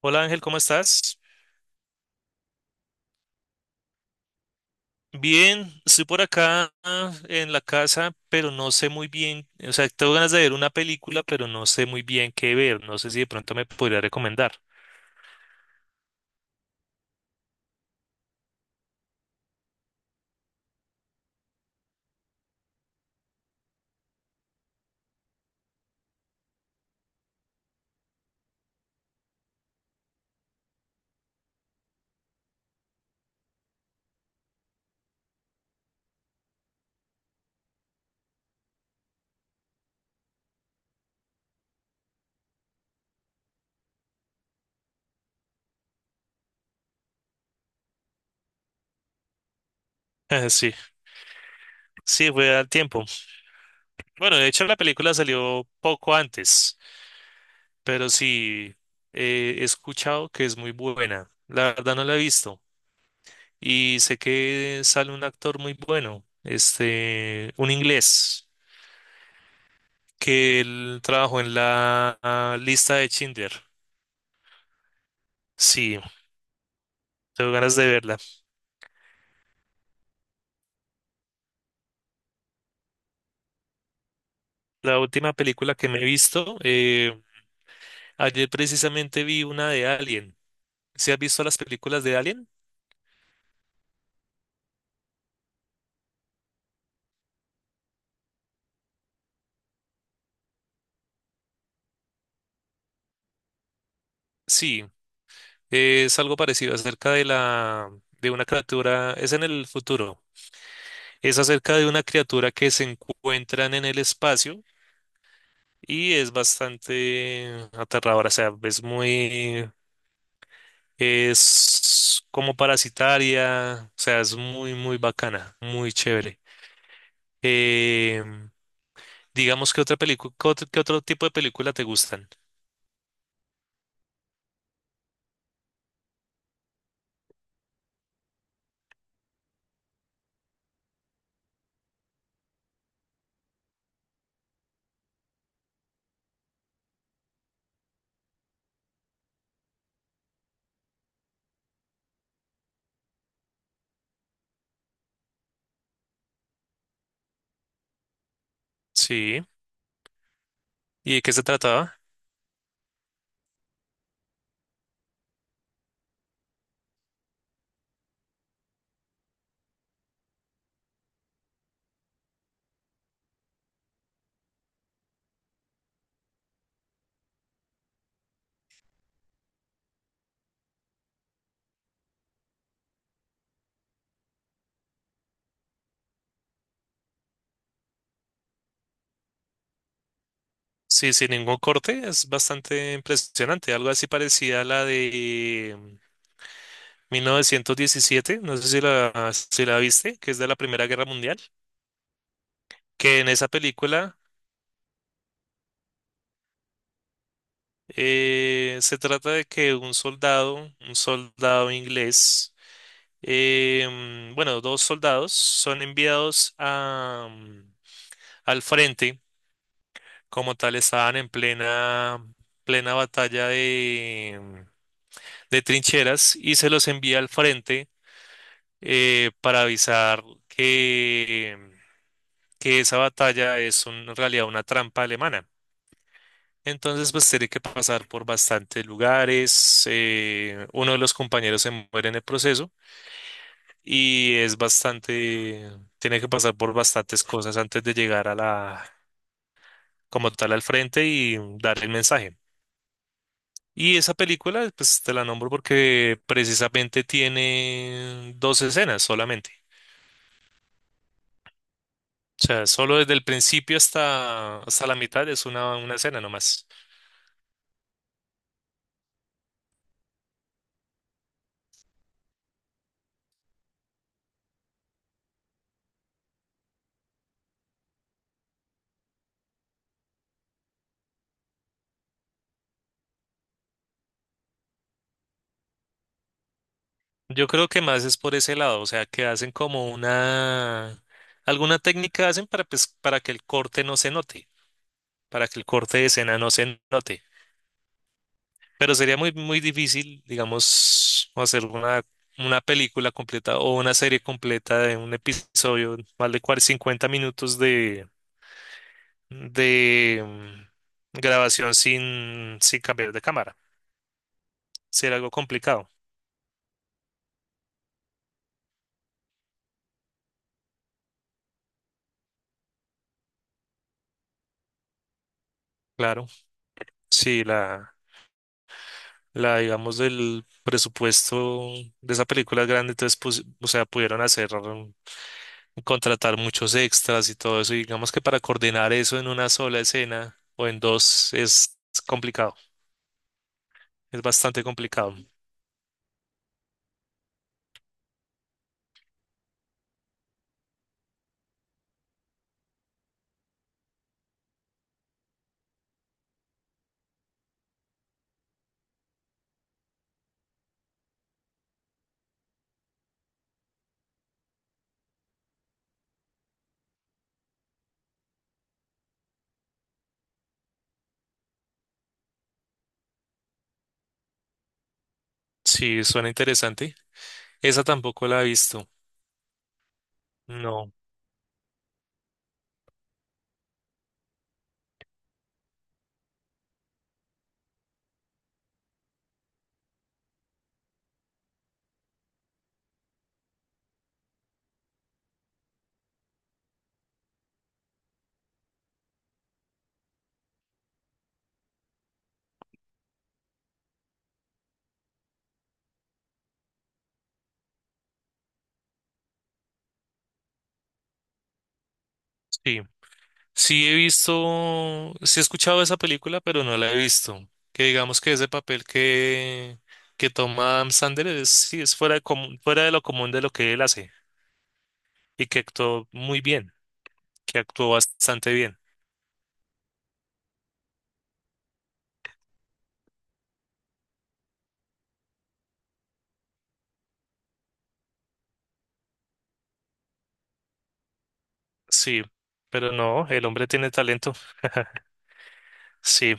Hola Ángel, ¿cómo estás? Bien, estoy por acá en la casa, pero no sé muy bien, o sea, tengo ganas de ver una película, pero no sé muy bien qué ver, no sé si de pronto me podría recomendar. Sí, sí, fue al tiempo. Bueno, de hecho la película salió poco antes, pero sí, he escuchado que es muy buena. La verdad no la he visto. Y sé que sale un actor muy bueno, este, un inglés, que él trabajó en la lista de Schindler. Sí, tengo ganas de verla. La última película que me he visto, ayer precisamente vi una de Alien. ¿Sí has visto las películas de Alien? Sí, es algo parecido acerca de la de una criatura, es en el futuro. Es acerca de una criatura que se encuentran en el espacio y es bastante aterradora, o sea, es muy, es como parasitaria, o sea, es muy, muy bacana, muy chévere. Eh, digamos que otra película, ¿ qué otro tipo de película te gustan? Sí. ¿Y de qué se trataba? Sí, sin ningún corte, es bastante impresionante, algo así parecida a la de 1917, no sé si la viste, que es de la Primera Guerra Mundial, que en esa película se trata de que un soldado inglés, eh, bueno, dos soldados son enviados a, al frente, como tal estaban plena batalla de trincheras y se los envía al frente para avisar que, que esa batalla es en realidad una trampa alemana. Entonces, pues tiene que pasar por bastantes lugares. Uno de los compañeros se muere en el proceso y es bastante, tiene que pasar por bastantes cosas antes de llegar a como tal, al frente y dar el mensaje. Y esa película, pues te la nombro porque precisamente tiene dos escenas solamente. O sea, solo desde el principio hasta la mitad es una escena nomás. Yo creo que más es por ese lado, o sea, que hacen como alguna técnica hacen para, pues, para que el corte no se note, para que el corte de escena no se note. Pero sería muy, muy difícil, digamos, hacer una película completa o una serie completa de un episodio, más de 40 o 50 minutos de grabación sin, sin cambiar de cámara. Sería algo complicado. Claro, sí, la, digamos, del presupuesto de esa película es grande, entonces, pues, o sea, pudieron hacer, contratar muchos extras y todo eso, y digamos que para coordinar eso en una sola escena o en dos es complicado, es bastante complicado. Sí, suena interesante. Esa tampoco la he visto. No, sí. Sí he visto, sí he escuchado esa película, pero no la he visto. Que digamos que ese papel que toma Adam Sandler es, sí, es fuera de, fuera de lo común de lo que él hace. Y que actuó muy bien, que actuó bastante bien. Sí, pero no, el hombre tiene talento. Sí.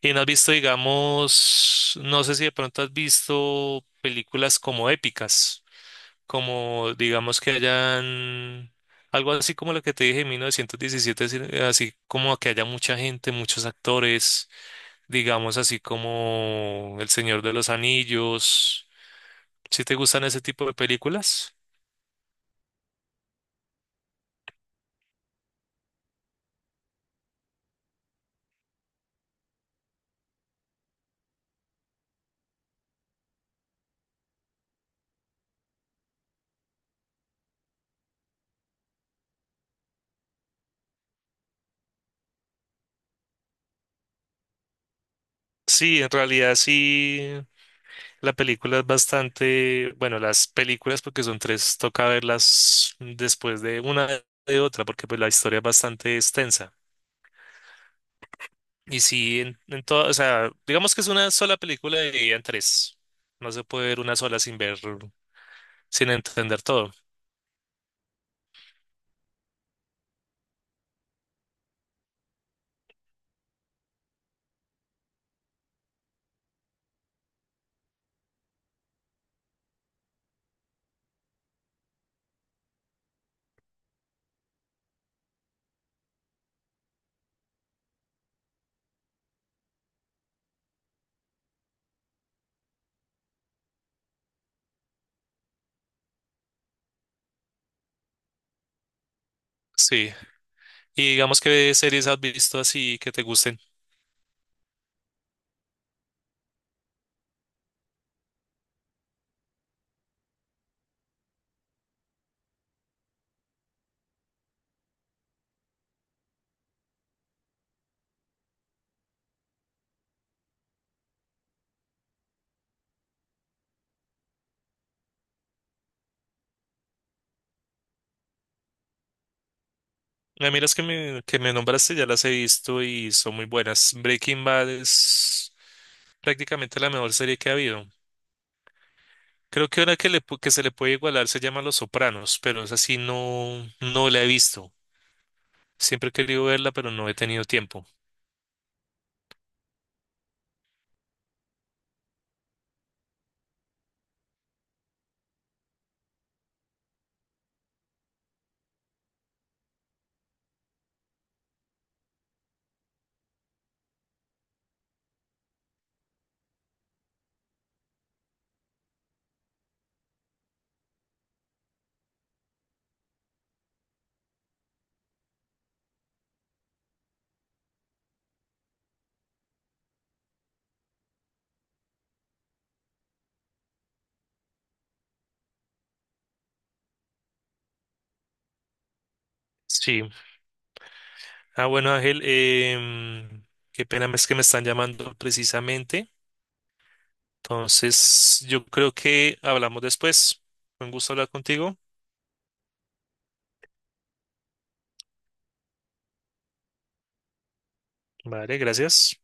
Y no has visto, digamos, no sé si de pronto has visto películas como épicas, como digamos que hayan algo así como lo que te dije en 1917, así así como que haya mucha gente, muchos actores, digamos así como El Señor de los Anillos. ¿Si te gustan ese tipo de películas? Sí, en realidad sí. La película es bastante, bueno, las películas porque son tres, toca verlas después de una de otra porque pues la historia es bastante extensa. Y sí, en todo, o sea, digamos que es una sola película dividida en tres. No se puede ver una sola sin ver, sin entender todo. Sí. Y digamos que series has visto así que te gusten. A mí las que que me nombraste ya las he visto y son muy buenas. Breaking Bad es prácticamente la mejor serie que ha habido. Creo que una que se le puede igualar se llama Los Sopranos, pero es así no, no la he visto. Siempre he querido verla, pero no he tenido tiempo. Sí. Ah, bueno, Ángel, qué pena es que me están llamando precisamente. Entonces, yo creo que hablamos después. Fue un gusto hablar contigo. Vale, gracias.